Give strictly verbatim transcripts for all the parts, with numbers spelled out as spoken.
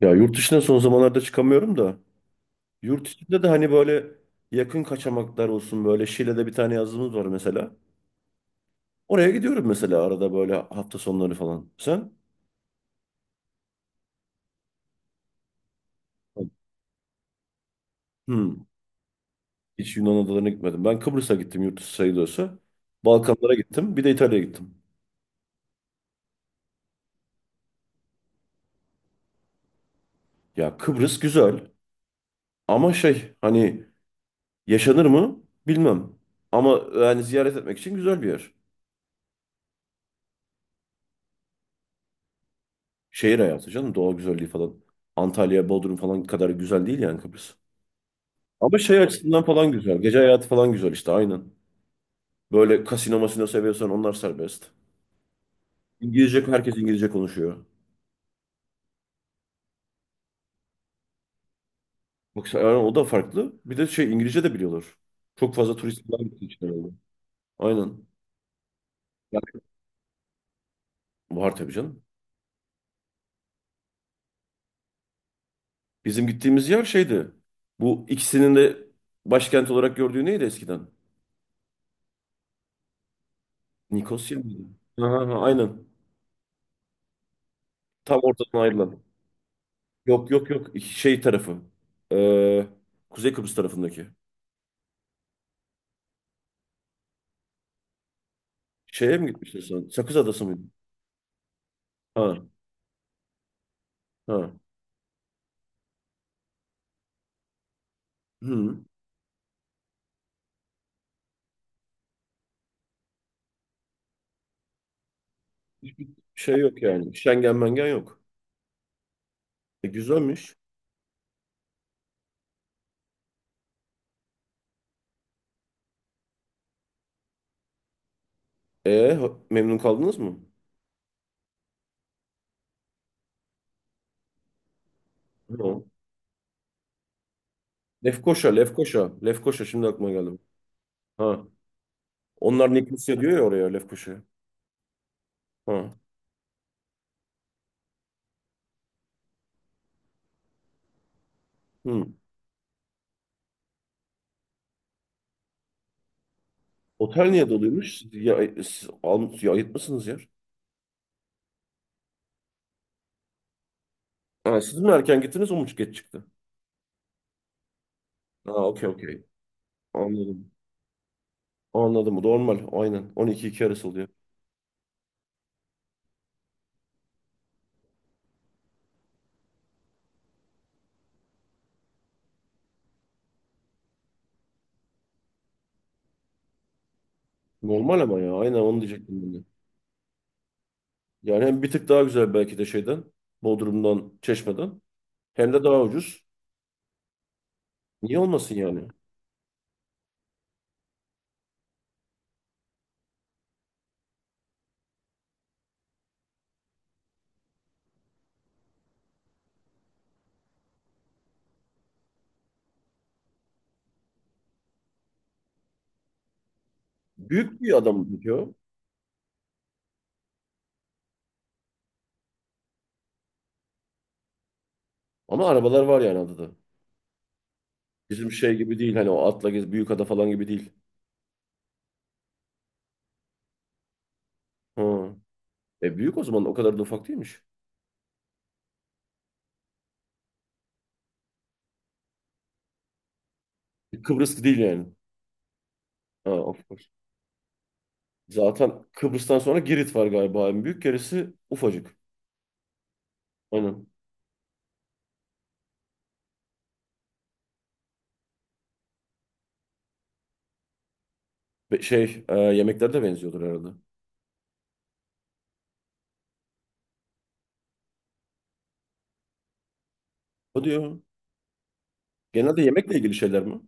Ya yurt dışına son zamanlarda çıkamıyorum da yurt içinde de hani böyle yakın kaçamaklar olsun böyle Şile'de bir tane yazımız var mesela. Oraya gidiyorum mesela arada böyle hafta sonları falan. Sen? Hmm. Hiç Yunan adalarına gitmedim. Ben Kıbrıs'a gittim yurt dışı sayılıyorsa. Balkanlara gittim. Bir de İtalya'ya gittim. Ya Kıbrıs güzel ama şey hani yaşanır mı bilmem. Ama yani ziyaret etmek için güzel bir yer. Şehir hayatı canım. Doğa güzelliği falan. Antalya, Bodrum falan kadar güzel değil yani Kıbrıs. Ama şey açısından falan güzel. Gece hayatı falan güzel işte aynen. Böyle kasino masino seviyorsan onlar serbest. İngilizce herkes İngilizce konuşuyor. Bak sen- yani o da farklı. Bir de şey İngilizce de biliyorlar. Çok fazla turist falan gittiği için herhalde. Aynen. Yani var tabii canım. Bizim gittiğimiz yer şeydi. Bu ikisinin de başkent olarak gördüğü neydi eskiden? Nikosya mıydı? Aha, aha, aynen. Tam ortadan ayrılan. Yok yok yok. Şey tarafı. Ee, Kuzey Kıbrıs tarafındaki. Şeye mi gitmiştin sen? Sakız Adası mıydı? Ha, ha. Hı. Hiçbir şey yok yani. Şengen mengen yok. E, güzelmiş. E ha- memnun kaldınız mı? Hı. Lefkoşa, Lefkoşa. Lefkoşa şimdi aklıma geldi. Ha. Onlar Nikosya diyor ya oraya Lefkoşa. Ha. Hı. Otel niye doluymuş? Siz- Ya, e, siz al, ya, ayıtmışsınız yer. Ha, siz mi erken gittiniz o mu geç çıktı? Ha, okey okey. Anladım. Anladım. Normal. Aynen. on iki iki arası oluyor. Normal ama ya. Aynen onu diyecektim ben de. Yani hem bir tık daha güzel belki de şeyden, Bodrum'dan, Çeşme'den. Hem de daha ucuz. Niye olmasın yani? Büyük bir adam diyor. Ama arabalar var yani adada. Bizim şey gibi değil hani o atla gez büyük ada falan gibi değil. Ha. E büyük o zaman o kadar da ufak değilmiş. Kıbrıs değil yani. Ha, of course. Zaten Kıbrıs'tan sonra Girit var galiba. En büyük gerisi ufacık. Aynen. Be- şey e, yemekler de benziyordur herhalde. O diyor. Genelde yemekle ilgili şeyler mi?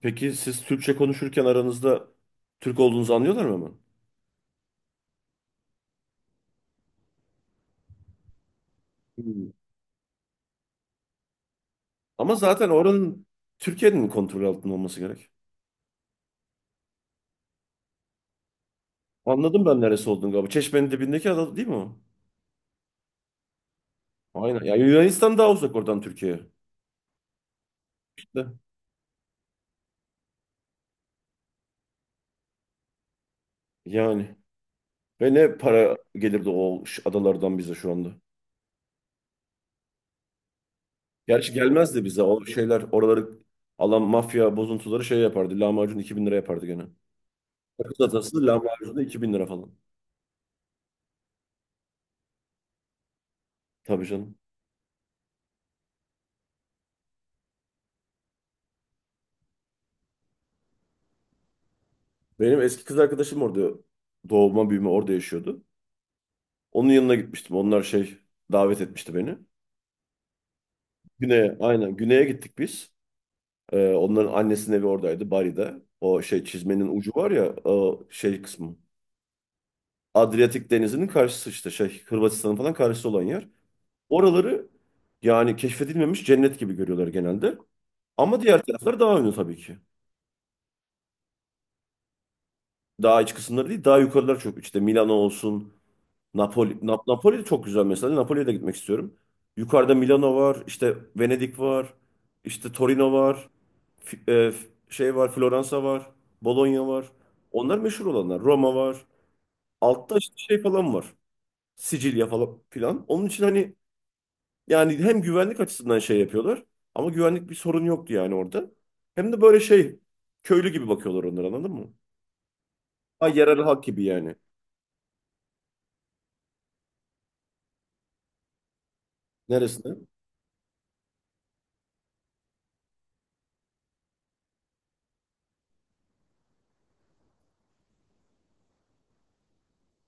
Peki siz Türkçe konuşurken aranızda Türk olduğunuzu anlıyorlar mı hemen? Hmm. Ama zaten oranın Türkiye'nin kontrol altında olması gerek. Anladım ben neresi olduğunu galiba. Çeşmenin dibindeki ada değil mi o? Aynen. Yani Yunanistan daha uzak oradan Türkiye'ye. İşte. Yani. Ve ne para gelirdi o ş- adalardan bize şu anda. Gerçi gelmezdi bize. O şeyler oraları alan mafya bozuntuları şey yapardı. Lahmacun iki bin lira yapardı gene. Sakız atası lahmacun da iki bin lira falan. Tabii canım. Benim eski kız arkadaşım orada doğma büyüme orada yaşıyordu. Onun yanına gitmiştim. Onlar şey davet etmişti beni. Güney'e aynen Güney'e gittik biz. Ee, onların annesinin evi oradaydı Bari'de. O şey çizmenin ucu var ya o şey kısmı. Adriyatik Denizi'nin karşısı işte şey Hırvatistan'ın falan karşısı olan yer. Oraları yani keşfedilmemiş cennet gibi görüyorlar genelde. Ama diğer taraflar daha ünlü tabii ki. Daha iç kısımları değil daha yukarılar çok. İşte Milano olsun, Napoli, Nap- Napoli de çok güzel mesela. Napoli'ye de gitmek istiyorum. Yukarıda Milano var, işte Venedik var, işte Torino var, Fi- e, f- şey var, Floransa var, Bologna var. Onlar meşhur olanlar. Roma var. Altta işte şey falan var. Sicilya falan filan. Onun için hani yani hem güvenlik açısından şey yapıyorlar ama güvenlik bir sorun yoktu yani orada. Hem de böyle şey köylü gibi bakıyorlar onlara anladın mı? Ha, yerel halk gibi yani. Neresine?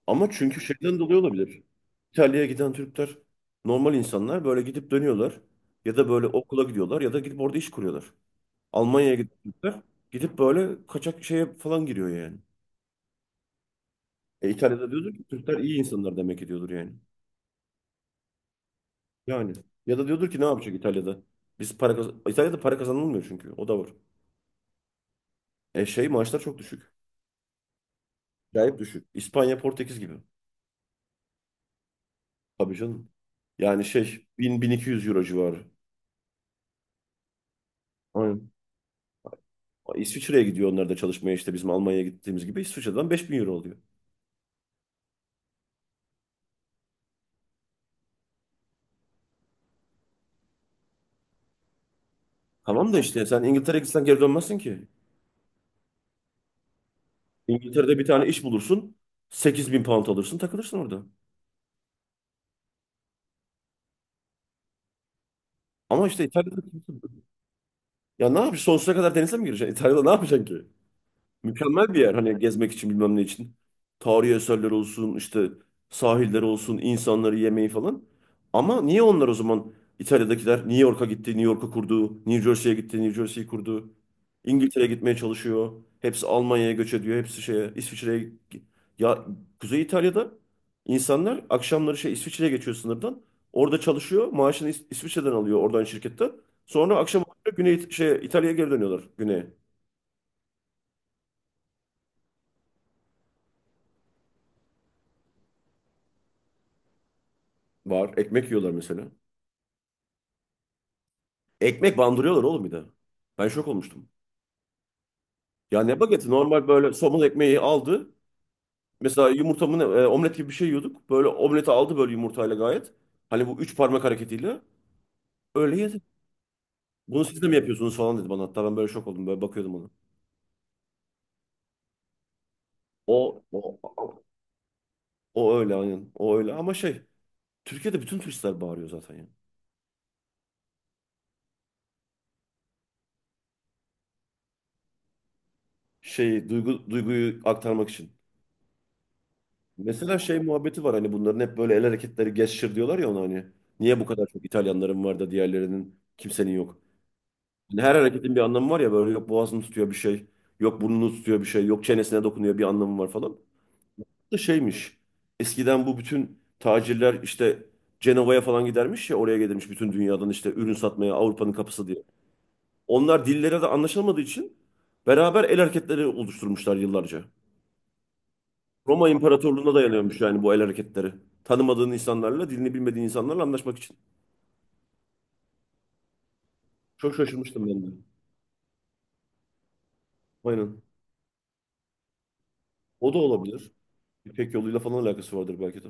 Ama çünkü şeyden dolayı olabilir. İtalya'ya giden Türkler normal insanlar böyle gidip dönüyorlar. Ya da böyle okula gidiyorlar ya da gidip orada iş kuruyorlar. Almanya'ya giden Türkler gidip böyle kaçak şeye falan giriyor yani. E İtalya'da diyordur ki Türkler iyi insanlar demek ki yani. Yani. Ya da diyordur ki ne yapacak İtalya'da? Biz para kaz İtalya'da para kazanılmıyor çünkü. O da var. E şey maaşlar çok düşük. Acayip düşük. İspanya, Portekiz gibi. Tabii canım. Yani şey bin bin iki yüz euro civarı. Aynen. İsviçre'ye gidiyor onlar da çalışmaya işte bizim Almanya'ya gittiğimiz gibi İsviçre'den beş bin euro oluyor. Tamam da işte sen İngiltere'ye gitsen geri dönmezsin ki. İngiltere'de bir tane iş bulursun sekiz bin pound alırsın takılırsın orada. Ama işte İtalya'da ya ne yapacaksın sonsuza kadar denize mi gireceksin? İtalya'da ne yapacaksın ki? Mükemmel bir yer hani gezmek için bilmem ne için. Tarihi eserler olsun, işte sahiller olsun, insanları yemeği falan. Ama niye onlar o zaman İtalya'dakiler New York'a gitti, New York'u kurdu, New Jersey'ye gitti, New Jersey'yi kurdu. İngiltere'ye gitmeye çalışıyor. Hepsi Almanya'ya göç ediyor, hepsi şeye, İsviçre'ye. gi- Ya Kuzey İtalya'da insanlar akşamları şey İsviçre'ye geçiyor sınırdan. Orada çalışıyor, maaşını İs- İsviçre'den alıyor oradan şirkette. Sonra akşam oluyor, Güney şey İtalya'ya geri dönüyorlar güneye. Var, ekmek yiyorlar mesela. Ekmek bandırıyorlar oğlum bir de. Ben şok olmuştum. Ya ne bageti? Normal böyle somun ekmeği aldı. Mesela yumurtamın e, omlet gibi bir şey yiyorduk. Böyle omleti aldı böyle yumurtayla gayet. Hani bu üç parmak hareketiyle. Öyle yedi. Bunu siz de mi yapıyorsunuz falan dedi bana. Hatta ben böyle şok oldum. Böyle bakıyordum ona. O, o, o öyle aynen. O öyle ama şey. Türkiye'de bütün turistler bağırıyor zaten ya. Şey, duygu, duyguyu aktarmak için. Mesela şey muhabbeti var hani bunların hep böyle el hareketleri gesture diyorlar ya ona hani. Niye bu kadar çok İtalyanların var da diğerlerinin kimsenin yok. Hani her hareketin bir anlamı var ya böyle yok boğazını tutuyor bir şey, yok burnunu tutuyor bir şey, yok çenesine dokunuyor bir anlamı var falan. Da şeymiş. Eskiden bu bütün tacirler işte Cenova'ya falan gidermiş ya oraya gelirmiş bütün dünyadan işte ürün satmaya Avrupa'nın kapısı diye. Onlar dillere de anlaşılmadığı için beraber el hareketleri oluşturmuşlar yıllarca. Roma İmparatorluğu'na dayanıyormuş yani bu el hareketleri. Tanımadığın insanlarla, dilini bilmediğin insanlarla anlaşmak için. Çok şaşırmıştım ben de. Aynen. O da olabilir. İpek yoluyla falan alakası vardır belki de.